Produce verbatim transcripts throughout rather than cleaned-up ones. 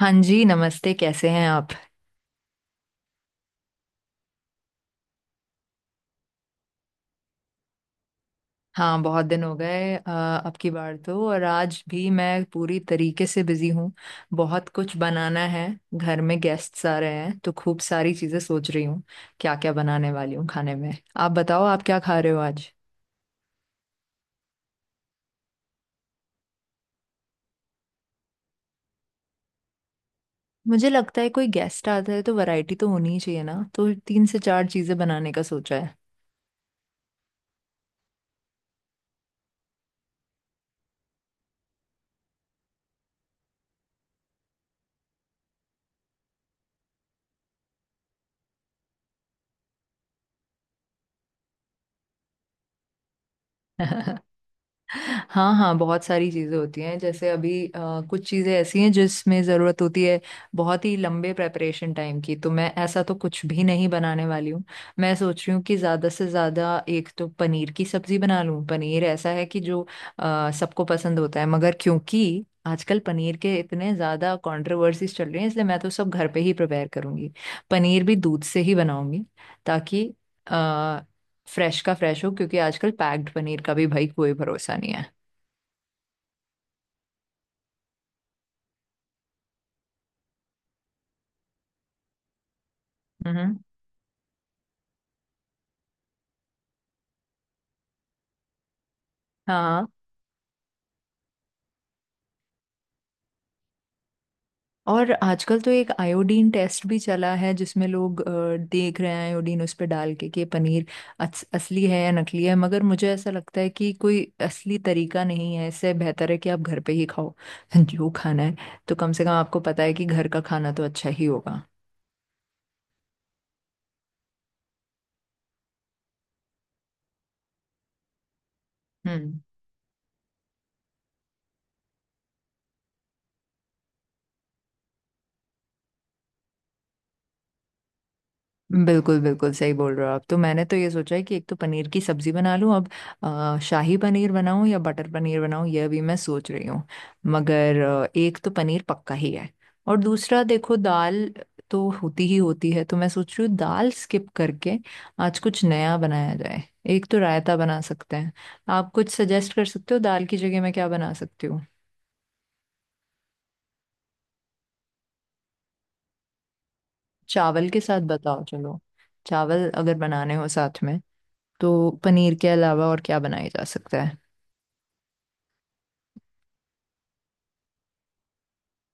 हाँ जी, नमस्ते। कैसे हैं आप। हाँ, बहुत दिन हो गए। अ, अब की बार तो और आज भी मैं पूरी तरीके से बिजी हूँ। बहुत कुछ बनाना है। घर में गेस्ट्स आ रहे हैं तो खूब सारी चीज़ें सोच रही हूँ क्या क्या बनाने वाली हूँ खाने में। आप बताओ, आप क्या खा रहे हो आज। मुझे लगता है कोई गेस्ट आता है तो वैरायटी तो होनी ही चाहिए ना, तो तीन से चार चीज़ें बनाने का सोचा है। हाँ हाँ, बहुत सारी चीज़ें होती हैं। जैसे अभी अ, कुछ चीज़ें ऐसी हैं जिसमें ज़रूरत होती है बहुत ही लंबे प्रेपरेशन टाइम की, तो मैं ऐसा तो कुछ भी नहीं बनाने वाली हूँ। मैं सोच रही हूँ कि ज़्यादा से ज़्यादा एक तो पनीर की सब्ज़ी बना लूँ। पनीर ऐसा है कि जो अ, सबको पसंद होता है, मगर क्योंकि आजकल पनीर के इतने ज़्यादा कंट्रोवर्सीज चल रही हैं, इसलिए मैं तो सब घर पे ही प्रिपेयर करूँगी। पनीर भी दूध से ही बनाऊंगी, ताकि फ्रेश का फ्रेश हो, क्योंकि आजकल पैक्ड पनीर का भी भाई कोई भरोसा नहीं है। हम्म। हाँ। और आजकल तो एक आयोडीन टेस्ट भी चला है जिसमें लोग अ, देख रहे हैं, आयोडीन उस पर डाल के कि पनीर अस, असली है या नकली है। मगर मुझे ऐसा लगता है कि कोई असली तरीका नहीं है। इससे बेहतर है कि आप घर पे ही खाओ जो खाना है। तो कम से कम आपको पता है कि घर का खाना तो अच्छा ही होगा। हम्म। बिल्कुल बिल्कुल सही बोल रहे हो आप। तो मैंने तो ये सोचा है कि एक तो पनीर की सब्जी बना लूं। अब अ, शाही पनीर बनाऊं या बटर पनीर बनाऊं, यह भी मैं सोच रही हूँ। मगर अ, एक तो पनीर पक्का ही है। और दूसरा देखो, दाल तो होती ही होती है, तो मैं सोच रही हूँ दाल स्किप करके आज कुछ नया बनाया जाए। एक तो रायता बना सकते हैं। आप कुछ सजेस्ट कर सकते हो दाल की जगह मैं क्या बना सकती हूँ। चावल के साथ बताओ, चलो। चावल अगर बनाने हो साथ में तो पनीर के अलावा और क्या बनाया जा सकता है।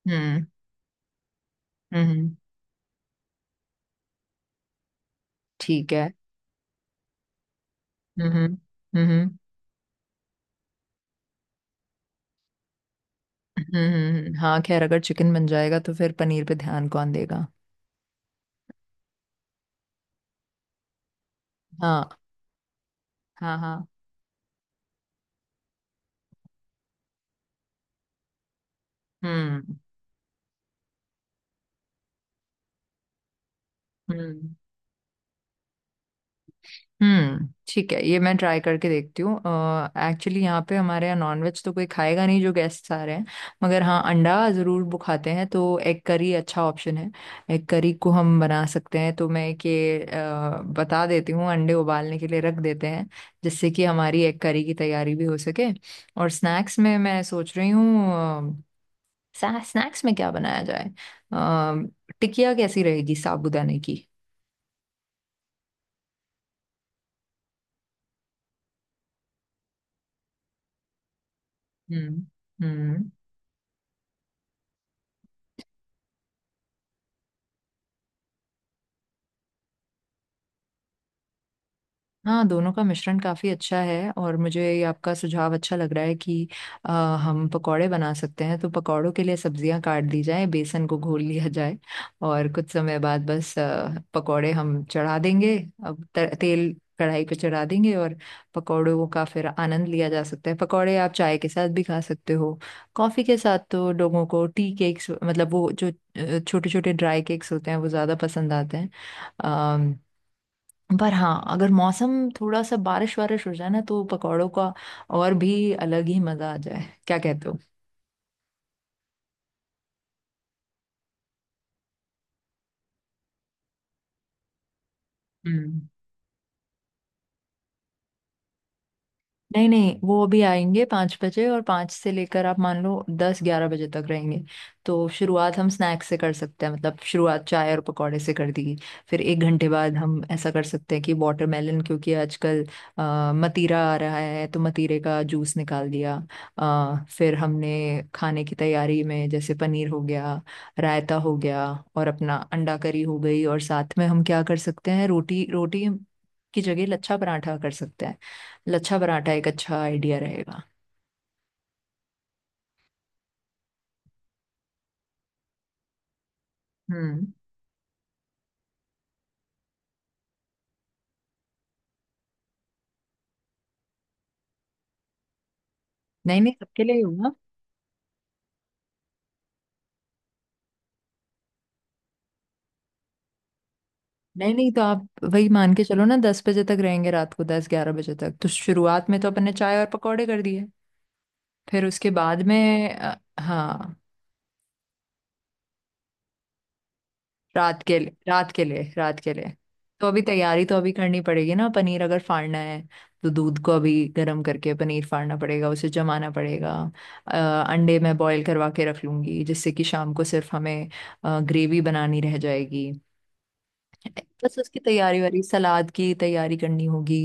हम्म हम्म, ठीक है। हम्म हम्म हम्म हम्म हम्म, हम्म, हम्म। हाँ, खैर अगर चिकन बन जाएगा तो फिर पनीर पे ध्यान कौन देगा। हाँ हाँ हाँ। हम्म हम्म हम्म, ठीक है, ये मैं ट्राई करके देखती हूँ। एक्चुअली यहाँ पे, हमारे यहाँ नॉनवेज तो कोई खाएगा नहीं जो गेस्ट आ रहे हैं। मगर हाँ, अंडा ज़रूर वो खाते हैं, तो एग करी अच्छा ऑप्शन है। एग करी को हम बना सकते हैं। तो मैं एक ये अ, बता देती हूँ, अंडे उबालने के लिए रख देते हैं जिससे कि हमारी एग करी की तैयारी भी हो सके। और स्नैक्स में मैं सोच रही हूँ स्नैक्स में क्या बनाया जाए। अ, टिकिया कैसी रहेगी साबूदाने की। हम्म हम्म। हाँ, दोनों का मिश्रण काफ़ी अच्छा है, और मुझे ये आपका सुझाव अच्छा लग रहा है कि अ, हम पकौड़े बना सकते हैं। तो पकौड़ों के लिए सब्जियां काट दी जाएं, बेसन को घोल लिया जाए, और कुछ समय बाद बस अ, पकौड़े हम चढ़ा देंगे। अब त- तेल कढ़ाई पे चढ़ा देंगे, और पकौड़ों का फिर आनंद लिया जा सकता है। पकौड़े आप चाय के साथ भी खा सकते हो। कॉफ़ी के साथ तो लोगों को टी केक्स, मतलब वो जो छोटे छोटे ड्राई केक्स होते हैं, वो ज़्यादा पसंद आते हैं। पर हाँ, अगर मौसम थोड़ा सा बारिश वारिश हो जाए ना, तो पकौड़ों का और भी अलग ही मजा आ जाए। क्या कहते हो। हम्म। नहीं नहीं, वो भी आएंगे पाँच बजे, और पाँच से लेकर आप मान लो दस ग्यारह बजे तक रहेंगे। तो शुरुआत हम स्नैक्स से कर सकते हैं, मतलब शुरुआत चाय और पकौड़े से कर दी। फिर एक घंटे बाद हम ऐसा कर सकते हैं कि वाटरमेलन, क्योंकि आजकल अ, मतीरा आ रहा है, तो मतीरे का जूस निकाल दिया। अ, फिर हमने खाने की तैयारी में जैसे पनीर हो गया, रायता हो गया, और अपना अंडा करी हो गई, और साथ में हम क्या कर सकते हैं, रोटी, रोटी की जगह लच्छा पराठा कर सकते हैं। लच्छा पराठा एक अच्छा आइडिया रहेगा। हम्म। नहीं नहीं, सबके लिए ही होगा। नहीं नहीं, तो आप वही मान के चलो ना, दस बजे तक रहेंगे, रात को दस ग्यारह बजे तक। तो शुरुआत में तो अपन ने चाय और पकौड़े कर दिए, फिर उसके बाद में अ, हाँ, रात के लिए, रात के लिए, रात के लिए। तो अभी तैयारी तो अभी करनी पड़ेगी ना, पनीर अगर फाड़ना है तो दूध को अभी गर्म करके पनीर फाड़ना पड़ेगा, उसे जमाना पड़ेगा। अ, अंडे मैं बॉईल करवा के रख लूंगी, जिससे कि शाम को सिर्फ हमें ग्रेवी बनानी रह जाएगी। बस उसकी तैयारी वारी, सलाद की तैयारी करनी होगी।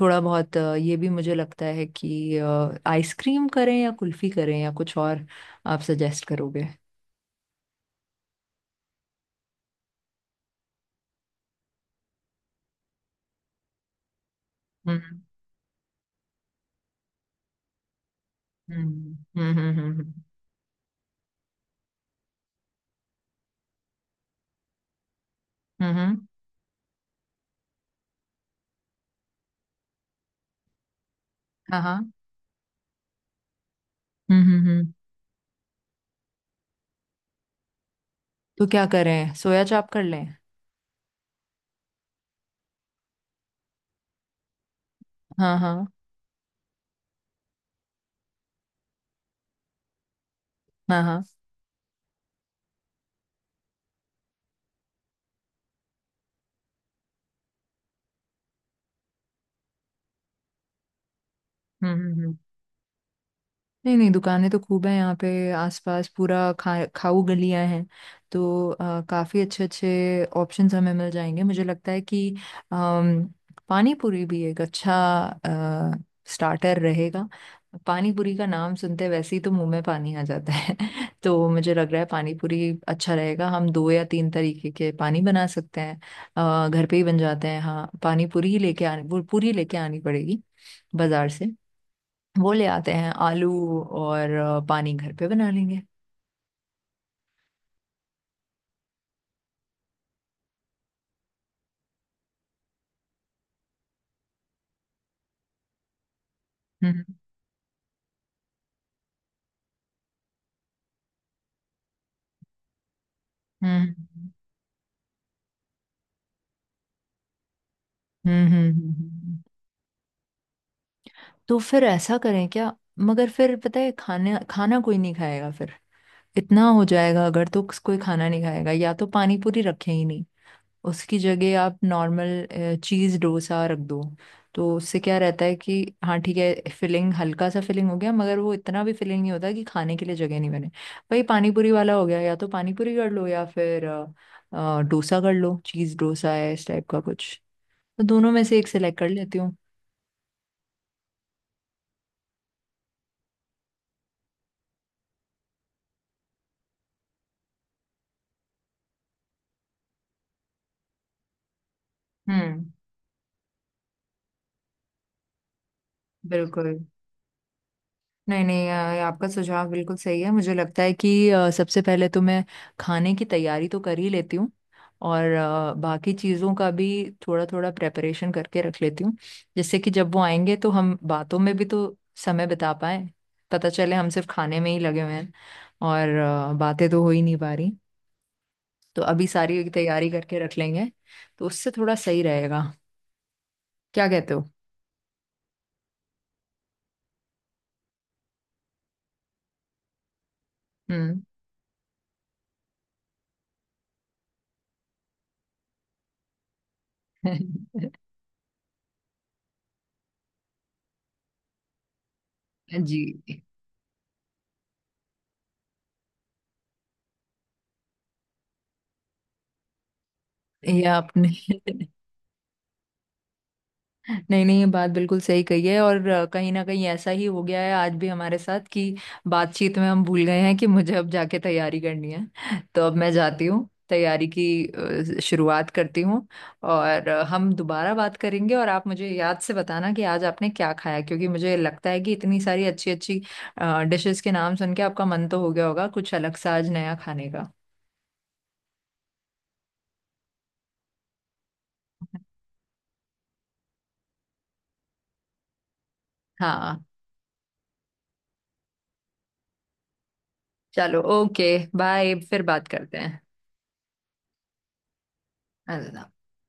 थोड़ा बहुत अ, ये भी मुझे लगता है कि आइसक्रीम करें या कुल्फी करें या कुछ और आप सजेस्ट करोगे। हम्म हम्म हम्म हम्म हम्म हम्म, हम्म, हाँ हाँ। हम्म हम्म हम्म। तो क्या करें, सोया चाप कर लें। हाँ हाँ हाँ हाँ। हम्म हम्म। नहीं नहीं, दुकानें तो खूब हैं यहाँ पे, आसपास पूरा खा खाऊ गलियाँ हैं। तो अ, काफ़ी अच्छे अच्छे ऑप्शंस हमें मिल जाएंगे। मुझे लगता है कि अम, पानी पूरी भी एक अच्छा स्टार्टर रहेगा। पानी पूरी का नाम सुनते वैसे ही तो मुंह में पानी आ जाता है। तो मुझे लग रहा है पानी पूरी अच्छा रहेगा। हम दो या तीन तरीके के पानी बना सकते हैं। अ, घर पे ही बन जाते हैं। हाँ, पानी पूरी ही लेके आनी, वो पूरी लेके आनी पड़ेगी बाजार से। वो ले आते हैं, आलू और अ, पानी घर पे बना लेंगे। हम्म हम्म हम्म हम्म, हम्म, हम्म। तो फिर ऐसा करें क्या। मगर फिर पता है खाना खाना कोई नहीं खाएगा फिर। इतना हो जाएगा अगर, तो कोई खाना नहीं खाएगा। या तो पानी पूरी रखें ही नहीं, उसकी जगह आप नॉर्मल चीज़ डोसा रख दो। तो उससे क्या रहता है कि हाँ ठीक है, फिलिंग हल्का सा फिलिंग हो गया, मगर वो इतना भी फिलिंग नहीं होता कि खाने के लिए जगह नहीं बने। भाई, पानी पूरी वाला हो गया, या तो पानी पूरी कर लो, या फिर अ, अ, डोसा कर लो, चीज़ डोसा है इस टाइप का कुछ। तो दोनों में से एक सिलेक्ट कर लेती हूँ। हम्म। बिल्कुल। नहीं नहीं, अ, आपका सुझाव बिल्कुल सही है। मुझे लगता है कि अ, सबसे पहले तो मैं खाने की तैयारी तो कर ही लेती हूँ, और अ, बाकी चीज़ों का भी थोड़ा थोड़ा प्रेपरेशन करके रख लेती हूँ, जिससे कि जब वो आएंगे तो हम बातों में भी तो समय बिता पाए। पता चले हम सिर्फ खाने में ही लगे हुए हैं, और अ, बातें तो हो ही नहीं पा रही। तो अभी सारी तैयारी करके रख लेंगे, तो उससे थोड़ा सही रहेगा। क्या कहते हो। हम्म। जी। ये आपने नहीं नहीं, ये बात बिल्कुल सही कही है, और अ, कहीं ना कहीं ऐसा ही हो गया है आज भी हमारे साथ कि बातचीत में हम भूल गए हैं कि मुझे अब जाके तैयारी करनी है। तो अब मैं जाती हूँ, तैयारी की अ, शुरुआत करती हूँ। और अ, हम दोबारा बात करेंगे, और आप मुझे याद से बताना कि आज आपने क्या खाया, क्योंकि मुझे लगता है कि इतनी सारी अच्छी अच्छी डिशेस के नाम सुन के आपका मन तो हो गया होगा कुछ अलग सा आज नया खाने का। हाँ, चलो। ओके बाय, फिर बात करते हैं। अलविदा।